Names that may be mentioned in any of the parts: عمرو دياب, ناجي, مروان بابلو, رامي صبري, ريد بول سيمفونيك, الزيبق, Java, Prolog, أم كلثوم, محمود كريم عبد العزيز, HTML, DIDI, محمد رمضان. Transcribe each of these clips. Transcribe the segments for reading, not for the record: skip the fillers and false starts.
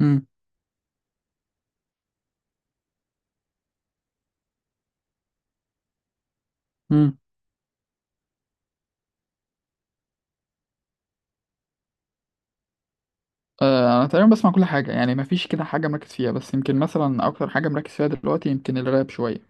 امم امم انا تقريبا بسمع كل حاجه، يعني ما فيش كده حاجه مركز فيها، بس يمكن مثلا اكتر حاجه مركز فيها دلوقتي يمكن الراب شويه.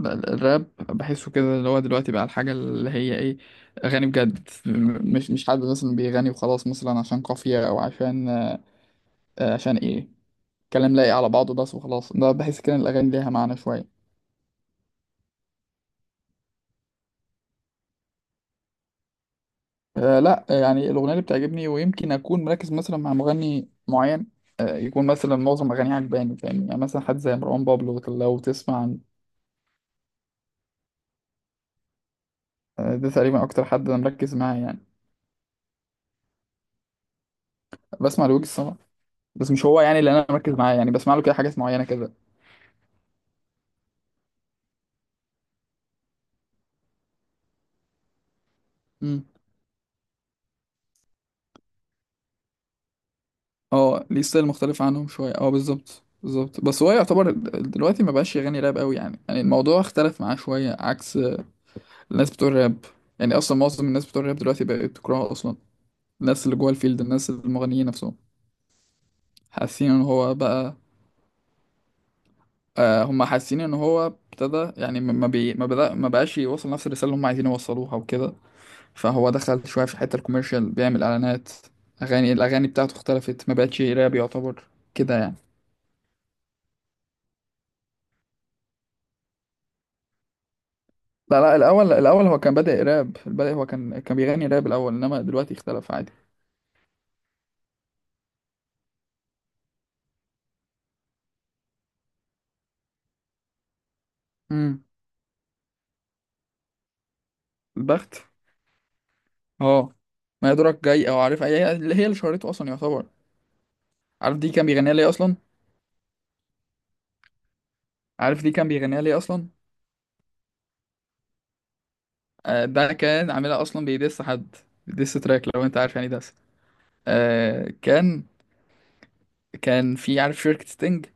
الراب بحسه كده اللي هو دلوقتي بقى الحاجه اللي هي ايه، اغاني بجد، مش حد مثلا بيغني وخلاص، مثلا عشان قافيه او عشان عشان ايه، كلام لايق على بعضه بس وخلاص. ده بحس كده إن الاغاني ليها معنى شويه. آه لا، يعني الاغنيه اللي بتعجبني، ويمكن اكون مركز مثلا مع مغني معين. آه، يكون مثلا معظم اغانيه عجباني، فاهم يعني، مثلا حد زي مروان بابلو لو تسمع. آه، ده تقريبا اكتر حد انا مركز معاه يعني. بسمع لويجز طبعا، بس مش هو يعني اللي انا مركز معاه، يعني بسمع له كده حاجات معينه كده. امم اه ليه ستايل مختلف عنهم شويه، اه بالظبط بالظبط. بس هو يعتبر دلوقتي ما بقاش يغني راب قوي، يعني يعني الموضوع اختلف معاه شويه عكس الناس بتوع الراب. يعني اصلا معظم الناس بتوع الراب دلوقتي بقت تكرهه اصلا، الناس اللي جوه الفيلد، الناس المغنيين نفسهم حاسين ان هو بقى. آه، هم حاسين ان هو ابتدى، يعني ما ما بي ما بدأ ما بقاش يوصل نفس الرساله اللي هم عايزين يوصلوها وكده. فهو دخل شوية في الحتة الكوميرشال، بيعمل إعلانات. أغاني، الأغاني بتاعته اختلفت، ما بقتش راب يعتبر كده يعني. لا لا، الأول الأول هو كان بادئ راب، البداية هو كان بيغني راب الأول، إنما دلوقتي اختلف عادي. امم، البخت. اه ما يدرك جاي أو عارف، هي اللي هي اللي شهرته أصلا يعتبر. عارف دي كان بيغنيها ليه أصلا؟ عارف دي كان بيغنيها ليه أصلا؟ آه، ده كان عاملها أصلا بيدس حد، ديس تراك لو أنت عارف، يعني دس. آه كان، كان في عارف شركة ستينج.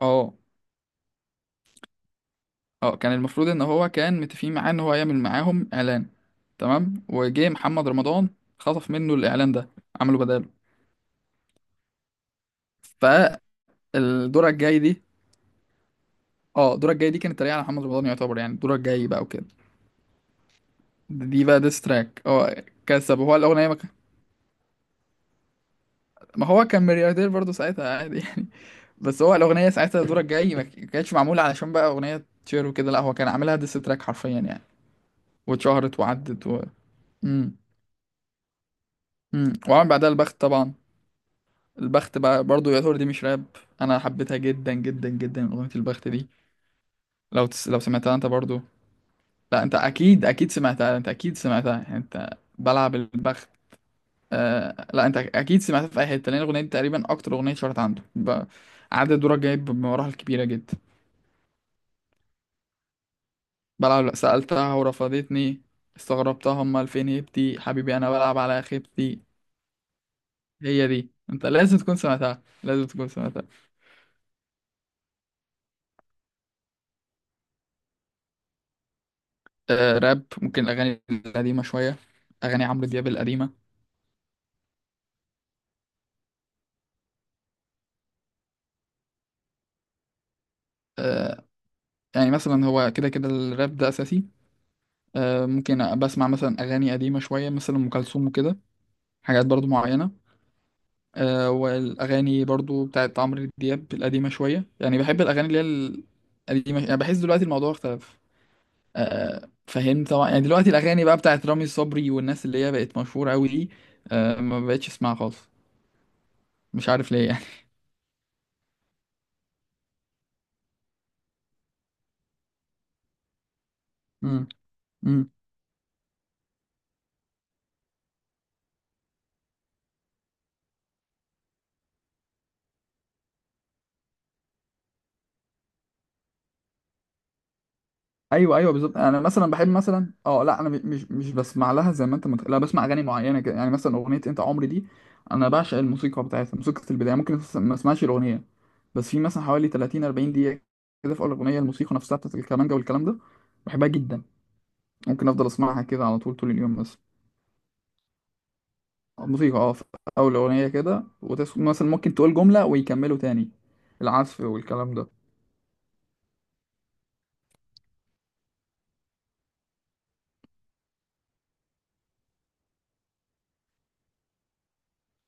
اه اه، كان المفروض ان هو كان متفقين معاه ان هو هيعمل معاهم اعلان. تمام، وجه محمد رمضان خطف منه الاعلان ده، عمله بداله. فالدورة الجاي دي، اه الدورة الجاي دي كانت تريقة على محمد رمضان يعتبر، يعني الدورة الجاي بقى وكده. دي بقى ديس تراك. اه كسب هو الاغنية. ما هو كان ملياردير برضه ساعتها، عادي يعني. بس هو الاغنية ساعتها، الدورة الجاي ما كانتش معمولة علشان بقى اغنية تشير وكده، لا هو كان عاملها ديس تراك حرفيا يعني. واتشهرت وعدت و امم وعمل بعدها البخت طبعا. البخت بقى برضو يعتبر دي مش راب. انا حبيتها جدا جدا جدا اغنيه البخت دي. لو سمعتها انت برضو. لا انت اكيد اكيد سمعتها، انت اكيد سمعتها يعني انت. بلعب البخت. لا انت اكيد سمعتها في اي حته، لان الاغنيه دي تقريبا اكتر اغنيه اتشهرت عنده عدد دورك جايب بمراحل كبيره جدا. بلعب سالتها ورفضتني، استغربتها، امال فين هيبتي حبيبي، انا بلعب على خيبتي. هي دي، انت لازم تكون سمعتها، لازم تكون سمعتها. راب، ممكن الاغاني القديمه شويه، اغاني عمرو دياب القديمه. آه، يعني مثلا هو كده كده الراب ده اساسي. آه، ممكن بسمع مثلا اغاني قديمه شويه، مثلا ام كلثوم وكده، حاجات برضو معينه. آه، والاغاني برضو بتاعت عمرو دياب القديمه شويه، يعني بحب الاغاني اللي هي القديمه، يعني بحس دلوقتي الموضوع اختلف. آه، فهمت طبعا، يعني دلوقتي الاغاني بقى بتاعت رامي صبري والناس اللي هي بقت مشهوره قوي دي، آه، ما بقتش اسمعها خالص، مش عارف ليه يعني. مم. مم. ايوه ايوه بالظبط، انا مثلا بحب مثلا، اه لا انا مش بسمع لها زي ما انت متخيل، لا بسمع اغاني معينه كده، يعني مثلا اغنيه انت عمري دي. انا بعشق الموسيقى بتاعتها، موسيقى البدايه. ممكن ما اسمعش الاغنيه، بس في مثلا حوالي 30 40 دقيقه كده في اول الاغنيه، الموسيقى نفسها بتاعت الكمانجه والكلام ده، بحبها جدا. ممكن افضل اسمعها كده على طول طول اليوم بس. الموسيقى اه في اول الاغنيه كده، مثلا ممكن تقول جمله ويكملوا تاني العزف والكلام ده.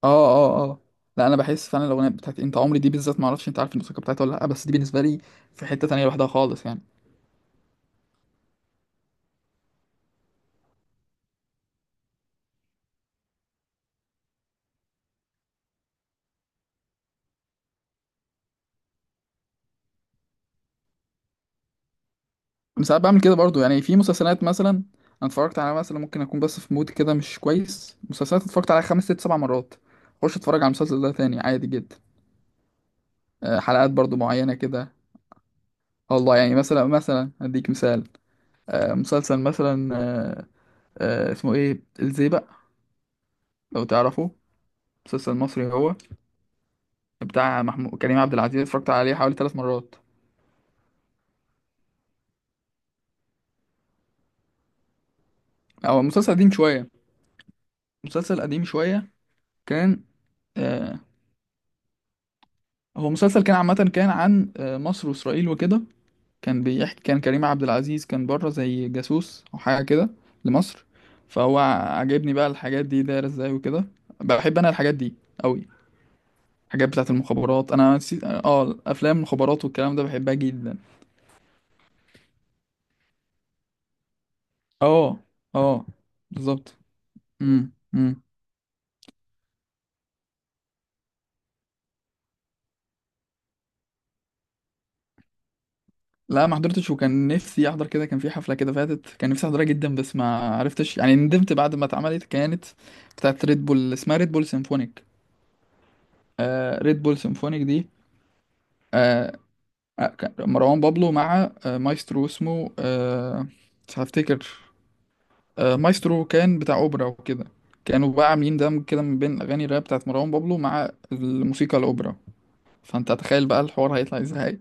اه اه اه، لا انا بحس فعلا الاغنيه بتاعت انت عمري دي بالذات، ما اعرفش انت عارف الموسيقى بتاعتها ولا لا، بس دي بالنسبه لي في حته تانية لوحدها خالص يعني. انا ساعات بعمل كده برضو، يعني في مسلسلات مثلا، انا اتفرجت على، مثلا ممكن اكون بس في مود كده مش كويس، مسلسلات اتفرجت عليها خمس ست سبع مرات، اخش اتفرج على المسلسل ده تاني عادي جدا. آه، حلقات برضو معينه كده. والله يعني، مثلا مثلا اديك مثال. آه، مسلسل مثلا آه، آه، اسمه ايه الزيبق، لو تعرفه، مسلسل مصري هو، بتاع محمود كريم عبد العزيز، اتفرجت عليه حوالي ثلاث مرات. هو مسلسل قديم شوية، مسلسل قديم شوية، كان آه هو مسلسل كان عامة، كان عن مصر وإسرائيل وكده. كان بيحكي، كان كريم عبد العزيز كان بره زي جاسوس أو حاجة كده لمصر. فهو عاجبني بقى الحاجات دي دايرة ازاي وكده، بحب أنا الحاجات دي أوي، الحاجات بتاعة المخابرات. أنا نسيت، أفلام المخابرات والكلام ده بحبها جدا. اه اه بالظبط. امم امم. لا ما حضرتش، وكان نفسي احضر. كده كان في حفله كده فاتت كان نفسي احضرها جدا، بس ما عرفتش يعني، ندمت بعد ما اتعملت. كانت بتاعت ريد بول، اسمها ريد بول سيمفونيك. آه ريد بول سيمفونيك دي. آه آه، كان مروان بابلو مع مايسترو، اسمه مش هفتكر. آه مايسترو كان بتاع اوبرا وكده، كانوا بقى عاملين دمج كده من بين اغاني الراب بتاعت مروان بابلو مع الموسيقى الاوبرا. فانت تخيل بقى الحوار هيطلع ازاي،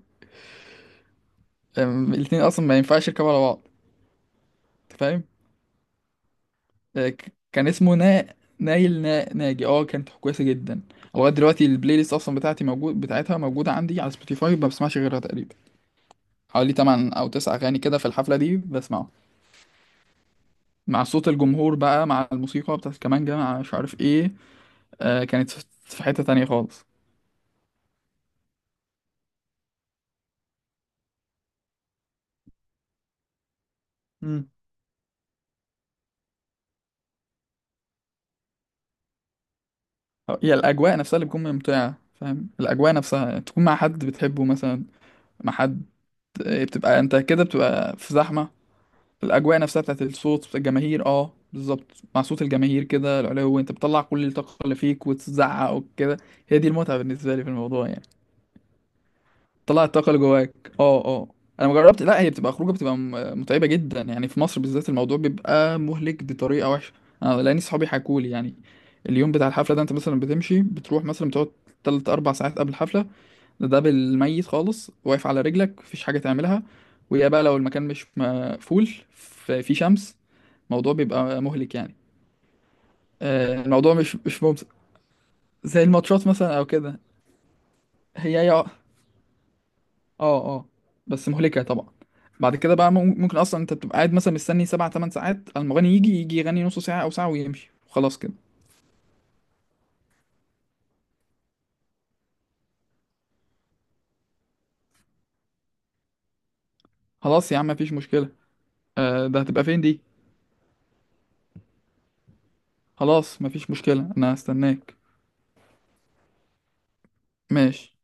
آه الاتنين اصلا ما ينفعش يركبوا على بعض. كان اسمه نايل ناجي، اه كانت كويسه جدا. لغايه دلوقتي البلاي ليست اصلا بتاعتي موجود، بتاعتها موجوده عندي على سبوتيفاي، ما بسمعش غيرها تقريبا، حوالي 8 او 9 اغاني كده في الحفله دي بسمعه. مع صوت الجمهور بقى، مع الموسيقى بتاعت الكمانجة، مع مش عارف ايه، آه كانت في في حته تانية خالص. مم. هي الأجواء نفسها اللي بتكون ممتعة فاهم، الأجواء نفسها تكون مع حد بتحبه مثلا، مع حد. إيه، بتبقى أنت كده بتبقى في زحمة، الاجواء نفسها بتاعت الصوت بتاعت الجماهير، اه بالظبط، مع صوت الجماهير كده، العلو، انت بتطلع كل الطاقه اللي فيك وتزعق وكده، هي دي المتعه بالنسبه لي في الموضوع يعني. تطلع الطاقه اللي جواك، اه اه. انا ما جربت، لا هي بتبقى خروجه، بتبقى متعبه جدا، يعني في مصر بالذات الموضوع بيبقى مهلك بطريقه وحشه. انا لاني صحابي حكولي يعني، اليوم بتاع الحفله ده انت مثلا بتمشي، بتروح، مثلا بتقعد تلت اربع ساعات قبل الحفله. ده بالميت خالص، واقف على رجلك، مفيش حاجة تعملها، ويا بقى لو المكان مش مقفول، في شمس، الموضوع بيبقى مهلك يعني. آه، الموضوع مش مش ممتع، زي الماتشات مثلا او كده. هي هي اه اه. آه، بس مهلكة طبعا. بعد كده بقى ممكن اصلا انت بتبقى قاعد مثلا مستني سبع تمن ساعات، المغني يجي، يغني نص ساعة او ساعة ويمشي وخلاص كده. خلاص يا عم، مفيش مشكلة. آه، ده هتبقى فين دي؟ خلاص مفيش مشكلة، انا هستناك. ماشي.